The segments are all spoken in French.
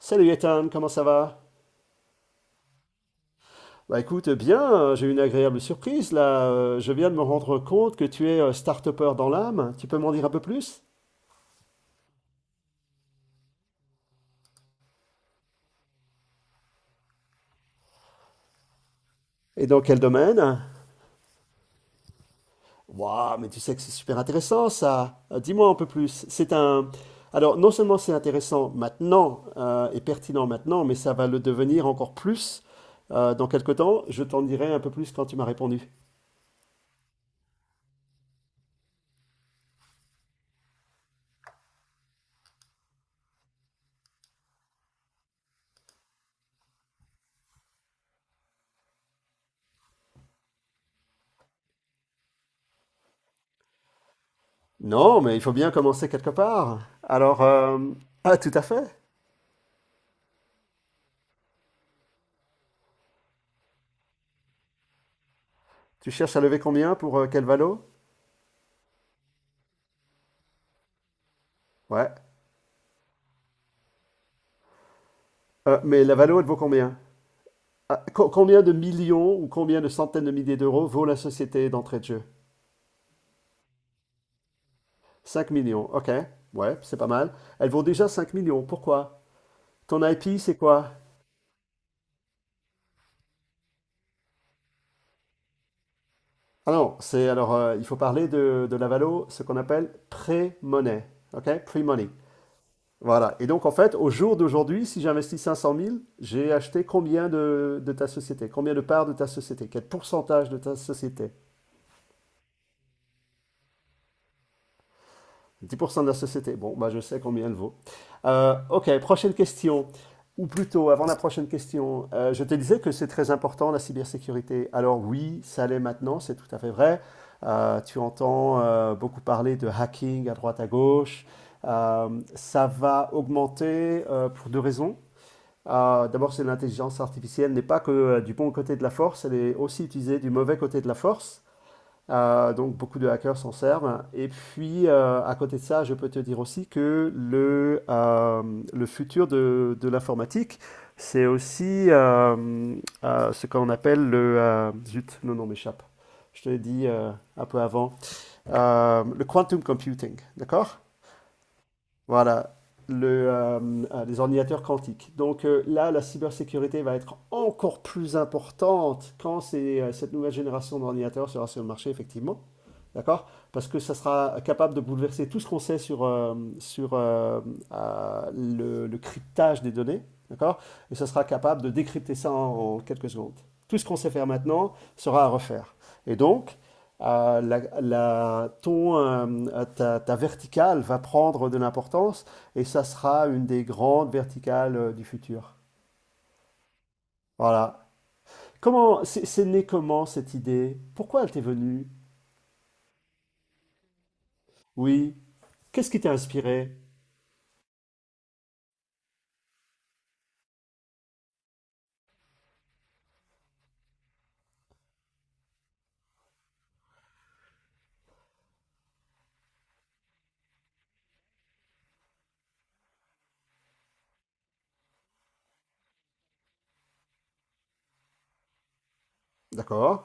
Salut Ethan, comment ça va? Bah écoute, bien, j'ai eu une agréable surprise là. Je viens de me rendre compte que tu es start-upper dans l'âme. Tu peux m'en dire un peu plus? Et dans quel domaine? Waouh, mais tu sais que c'est super intéressant ça. Dis-moi un peu plus. C'est un... Alors non seulement c'est intéressant maintenant et pertinent maintenant, mais ça va le devenir encore plus dans quelques temps. Je t'en dirai un peu plus quand tu m'as répondu. Non, mais il faut bien commencer quelque part. Ah tout à fait. Tu cherches à lever combien pour quel valo? Ouais. Mais la Valo, elle vaut combien? Ah, combien de millions ou combien de centaines de milliers d'euros vaut la société d'entrée de jeu? 5 millions, ok. Ouais, c'est pas mal. Elle vaut déjà 5 millions. Pourquoi? Ton IP, c'est quoi? Ah non, il faut parler de la Valo, ce qu'on appelle pré-money. Ok? Pre-money. Voilà. Et donc, en fait, au jour d'aujourd'hui, si j'investis cinq cent mille, j'ai acheté combien de ta société? Combien de parts de ta société? Quel pourcentage de ta société? Dix pour cent de la société. Bon, bah, je sais combien elle vaut. Ok, prochaine question. Ou plutôt, avant la prochaine question, je te disais que c'est très important la cybersécurité. Alors oui, ça l'est maintenant, c'est tout à fait vrai. Tu entends beaucoup parler de hacking à droite à gauche. Ça va augmenter pour deux raisons. D'abord, c'est l'intelligence artificielle n'est pas que du bon côté de la force, elle est aussi utilisée du mauvais côté de la force. Donc beaucoup de hackers s'en servent. Et puis, à côté de ça, je peux te dire aussi que le futur de l'informatique, c'est aussi ce qu'on appelle le... zut, le nom m'échappe. Je te l'ai dit un peu avant. Le quantum computing, d'accord? Voilà, le, euh, les ordinateurs quantiques. Donc là, la cybersécurité va être encore plus importante quand cette nouvelle génération d'ordinateurs sera sur le marché, effectivement. D'accord? Parce que ça sera capable de bouleverser tout ce qu'on sait sur le cryptage des données. D'accord? Et ça sera capable de décrypter ça en quelques secondes. Tout ce qu'on sait faire maintenant sera à refaire. Et donc, euh, la, la- ton, euh, ta verticale va prendre de l'importance et ça sera une des grandes verticales du futur. Voilà. Comment, c'est né comment cette idée? Pourquoi elle t'est venue? Oui. Qu'est-ce qui t'a inspiré? D'accord.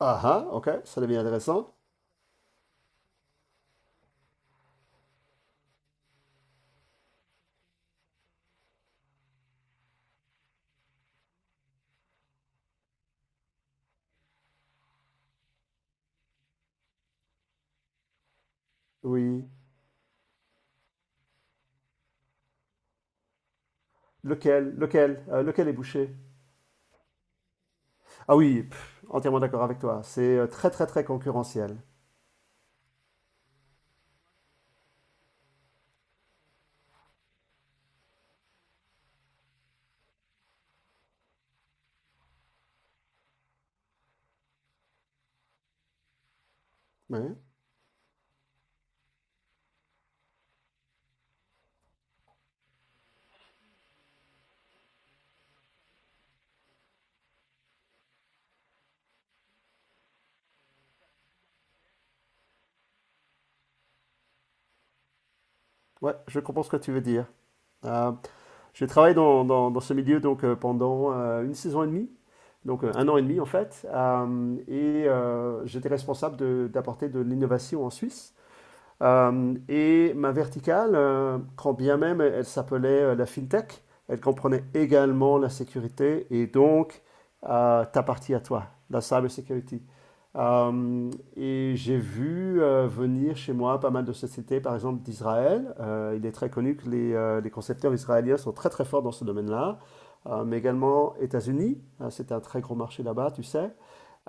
Ah ah, ok, ça devient intéressant. Oui. Lequel? Lequel? Lequel est bouché? Ah oui, pff, entièrement d'accord avec toi. C'est très très très concurrentiel. Oui. Ouais, je comprends ce que tu veux dire. Euh, J'ai travaillé dans ce milieu donc, pendant une saison et demie, donc un an et demi en fait, et j'étais responsable d'apporter de l'innovation en Suisse. Et ma verticale, quand bien même elle s'appelait la FinTech, elle comprenait également la sécurité et donc ta partie à toi, la cybersecurity. Euh, et j'ai vu venir chez moi pas mal de sociétés, par exemple d'Israël. Il est très connu que les concepteurs israéliens sont très très forts dans ce domaine-là. Mais également États-Unis, hein, c'est un très gros marché là-bas, tu sais.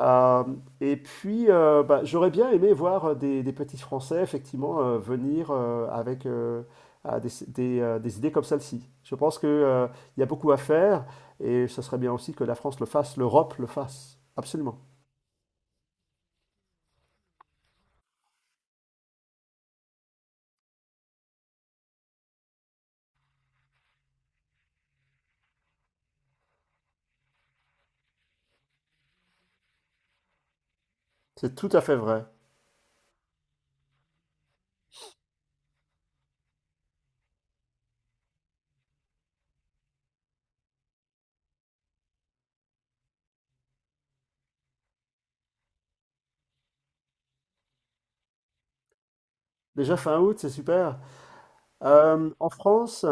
Euh, et puis, bah, j'aurais bien aimé voir des petits Français, effectivement, venir avec des idées comme celle-ci. Je pense que, il y a beaucoup à faire et ce serait bien aussi que la France le fasse, l'Europe le fasse. Absolument. C'est tout à fait vrai. Déjà fin août, c'est super. En France,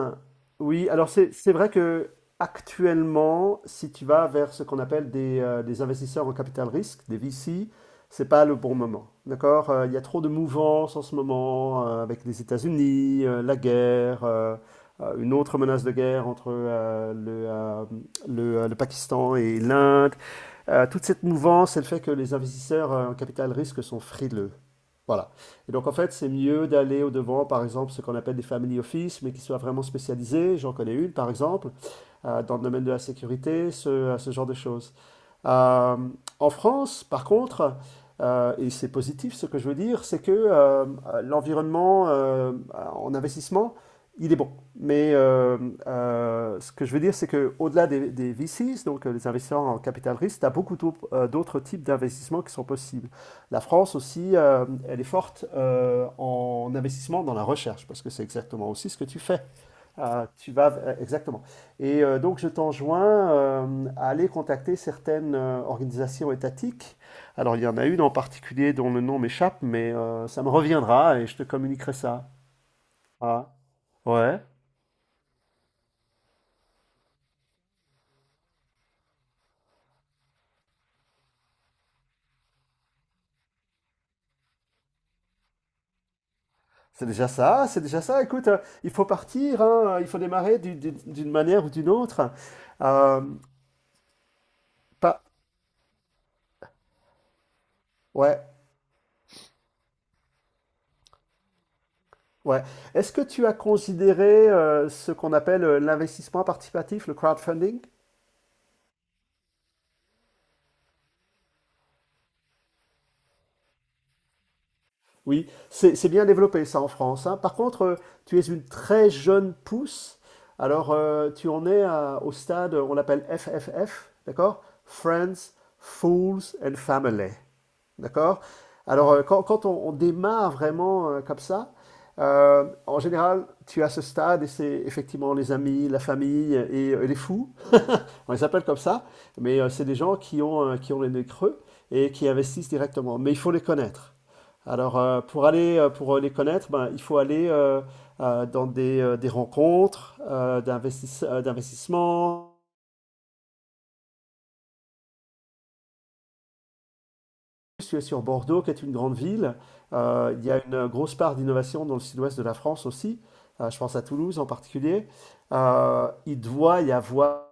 oui, alors c'est vrai que actuellement, si tu vas vers ce qu'on appelle des investisseurs en capital risque, des VC, c'est pas le bon moment. D'accord? Il y a trop de mouvances en ce moment avec les États-Unis, la guerre, une autre menace de guerre entre le Pakistan et l'Inde. Toute cette mouvance, elle fait que les investisseurs en capital risque sont frileux. Voilà. Et donc, en fait, c'est mieux d'aller au-devant, par exemple, ce qu'on appelle des family office, mais qui soient vraiment spécialisés. J'en connais une, par exemple, dans le domaine de la sécurité, ce genre de choses. Euh, En France, par contre, et c'est positif ce que je veux dire, c'est que l'environnement en investissement, il est bon. Mais euh, Ce que je veux dire, c'est qu'au-delà des VCs, donc les investisseurs en capital risque, tu as beaucoup d'autres types d'investissements qui sont possibles. La France aussi, elle est forte en investissement dans la recherche, parce que c'est exactement aussi ce que tu fais. Tu vas Exactement. Et donc je t'enjoins à aller contacter certaines organisations étatiques. Alors il y en a une en particulier dont le nom m'échappe, mais ça me reviendra et je te communiquerai ça. Ah, ouais. C'est déjà ça, c'est déjà ça. Écoute, il faut partir, hein, il faut démarrer d'une manière ou d'une autre. Euh, pas, ouais, Ouais. Est-ce que tu as considéré ce qu'on appelle l'investissement participatif, le crowdfunding? Oui, c'est bien développé ça en France, hein. Par contre, tu es une très jeune pousse. Alors, tu en es au stade, on l'appelle FFF, d'accord? Friends, Fools and Family, d'accord? Alors, quand on démarre vraiment comme ça, en général, tu as ce stade et c'est effectivement les amis, la famille et les fous. On les appelle comme ça, mais c'est des gens qui ont les nez creux et qui investissent directement. Mais il faut les connaître. Alors, pour les connaître, ben, il faut aller des rencontres d'investissement. Je suis sur Bordeaux, qui est une grande ville. Il y a une grosse part d'innovation dans le sud-ouest de la France aussi. Je pense à Toulouse en particulier. Il doit y avoir